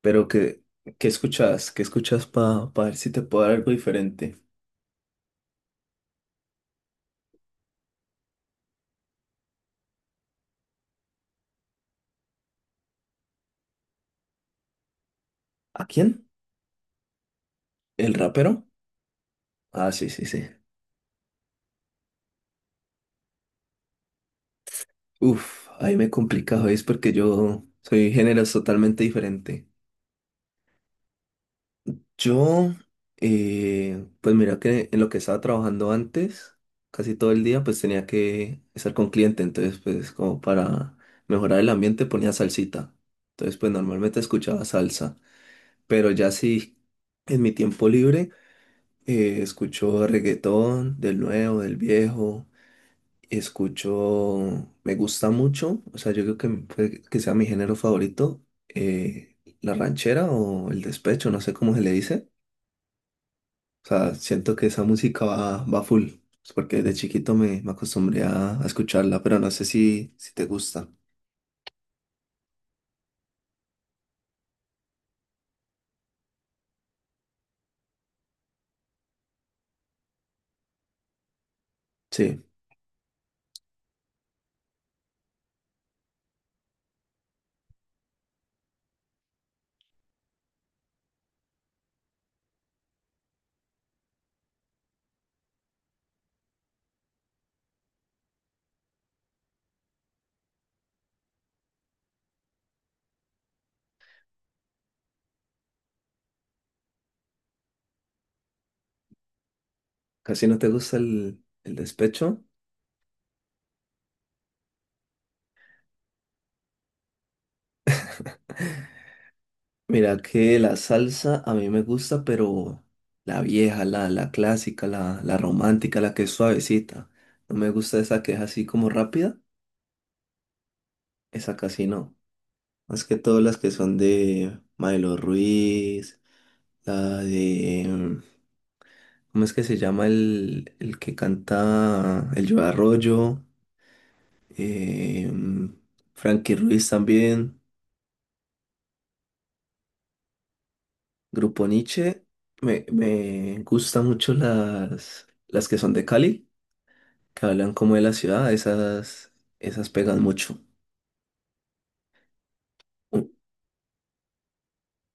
Pero ¿qué, qué escuchas? ¿Qué escuchas para ver si te puedo dar algo diferente? ¿A quién? ¿El rapero? Ah, sí, sí, sí. Uf, ahí me he complicado es porque yo soy géneros totalmente diferente. Yo, pues mira que en lo que estaba trabajando antes, casi todo el día, pues tenía que estar con cliente, entonces pues como para mejorar el ambiente ponía salsita. Entonces pues normalmente escuchaba salsa, pero ya sí, en mi tiempo libre escucho reggaetón, del nuevo, del viejo. Escucho, me gusta mucho, o sea, yo creo que puede que sea mi género favorito, la ranchera o el despecho, no sé cómo se le dice. O sea, siento que esa música va, va full, es porque de chiquito me acostumbré a escucharla, pero no sé si te gusta. Sí, casi no te gusta el despecho. Mira que la salsa a mí me gusta, pero la vieja, la clásica, la romántica, la que es suavecita. No me gusta esa que es así como rápida, esa casi no. Más que todas las que son de Maelo Ruiz, la de... ¿Cómo es que se llama el que canta El Yo Arroyo? Eh, mm, Frankie Ruiz también, Grupo Niche. Me gustan mucho las que son de Cali que hablan como de la ciudad, esas, esas pegan mucho. U-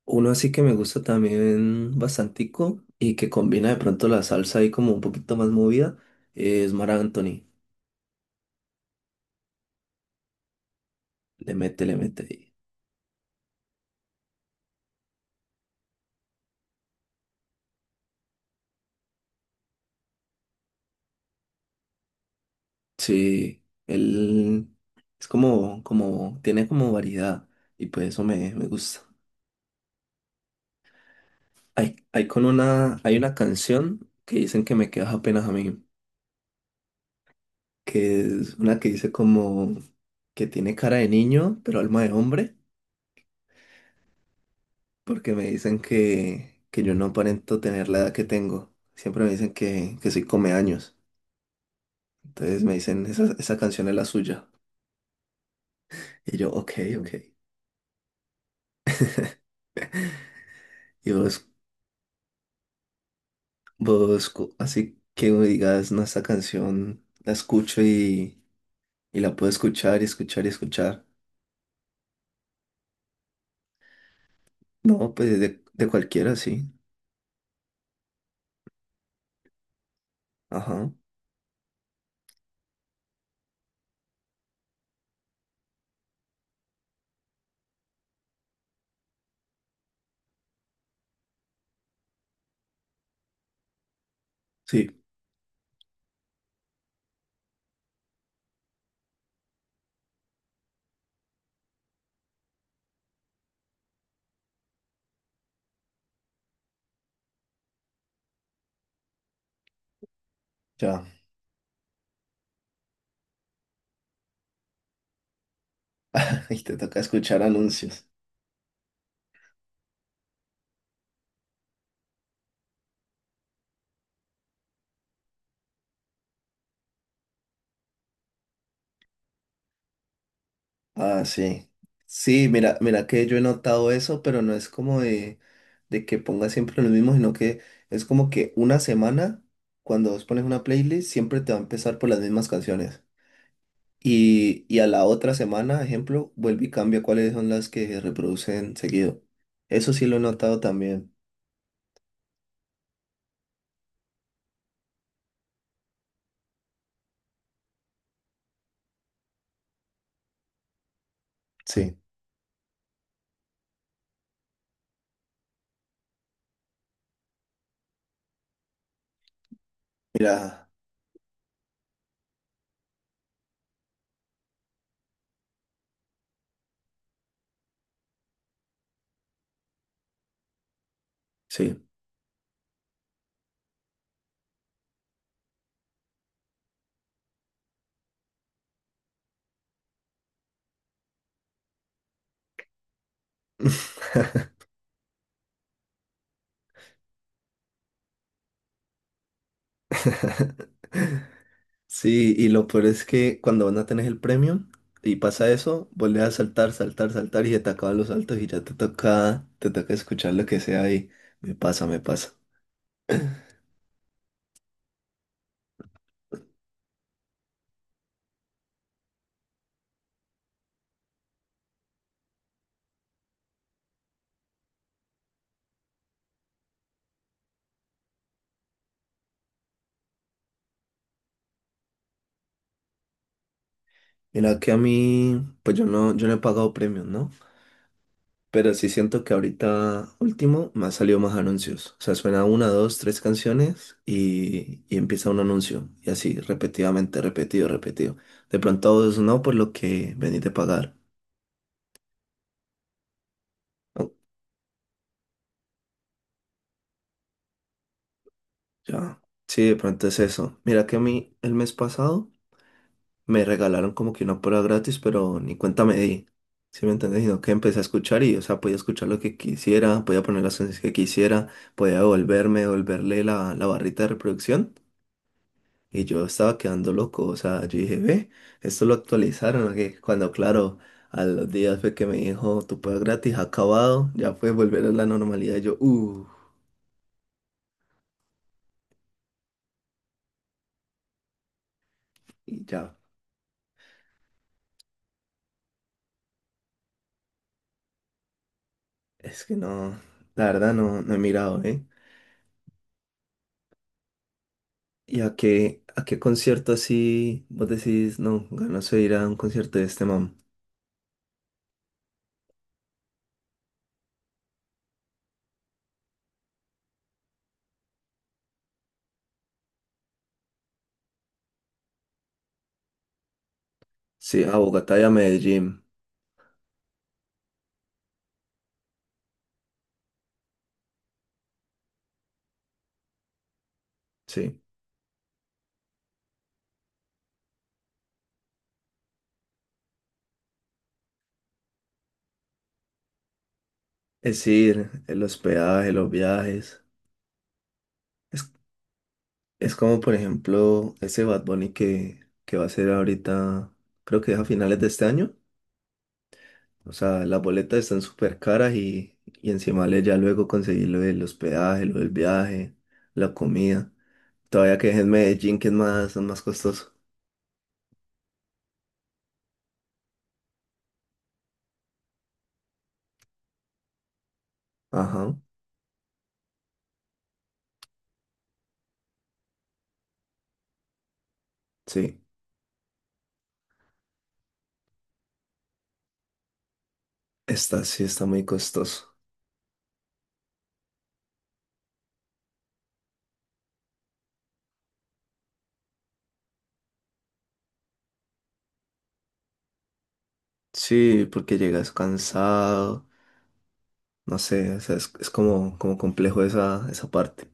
Uno así que me gusta también bastantico y que combina de pronto la salsa ahí como un poquito más movida, es Mar Anthony. Le mete, le mete ahí. Sí, él es tiene como variedad y pues eso me gusta. Hay una canción que dicen que me quedas apenas a mí, que es una que dice como que tiene cara de niño, pero alma de hombre. Porque me dicen que yo no aparento tener la edad que tengo. Siempre me dicen que soy come años. Entonces me dicen, esa canción es la suya. Y yo, ok, ok. Y así que me digas, no, esta canción la escucho y la puedo escuchar y escuchar y escuchar. No, pues de cualquiera, sí. Ajá, sí, ya. Y te toca escuchar anuncios. Ah, sí. Sí, mira, mira que yo he notado eso, pero no es como de que ponga siempre lo mismo, sino que es como que una semana, cuando vos pones una playlist, siempre te va a empezar por las mismas canciones. Y a la otra semana, ejemplo, vuelve y cambia cuáles son las que se reproducen seguido. Eso sí lo he notado también. Sí. Mira, sí. Sí, y lo peor es que cuando van a tener el premio y pasa eso, vuelves a saltar, saltar, saltar y se te acaban los saltos y ya te toca escuchar lo que sea y me pasa, me pasa. Mira que a mí, pues yo no he pagado premios, ¿no? Pero sí siento que ahorita último me han salido más anuncios. O sea, suena una, dos, tres canciones y empieza un anuncio. Y así, repetidamente, repetido, repetido. De pronto a vos no, por lo que venís de pagar. Ya. Sí, de pronto es eso. Mira que a mí el mes pasado me regalaron como que una prueba gratis, pero ni cuenta me di. ¿Sí me entiendes? Sino que empecé a escuchar y, o sea, podía escuchar lo que quisiera, podía poner las canciones que quisiera, podía devolverme, devolverle la barrita de reproducción. Y yo estaba quedando loco. O sea, yo dije, ve, esto lo actualizaron. Que Cuando, claro, a los días fue que me dijo, tu prueba gratis ha acabado, ya puedes volver a la normalidad. Y yo, y ya. Es que no, la verdad no, no he mirado, ¿eh? ¿Y a qué concierto así vos decís, no, ganas de ir a un concierto de este man? Sí, a Bogotá y a Medellín, sí. Es ir, el hospedaje, los viajes. Es, es como, por ejemplo, ese Bad Bunny que va a ser ahorita, creo que es a finales de este año. O sea, las boletas están súper caras y encima le ya luego conseguir lo del hospedaje, lo del viaje, la comida. Todavía que es en Medellín, que es más costoso. Ajá, sí. Está, sí, está muy costoso. Sí, porque llegas cansado, no sé, o sea, es como, como complejo esa, esa parte.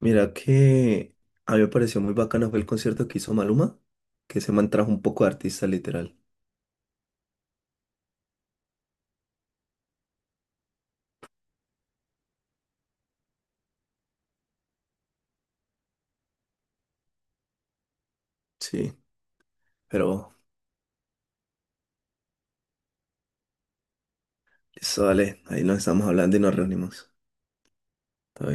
Mira que a mí me pareció muy bacano fue el concierto que hizo Maluma, que se man trajo un poco de artista literal. Sí, pero eso vale, ahí nos estamos hablando y nos reunimos. Todo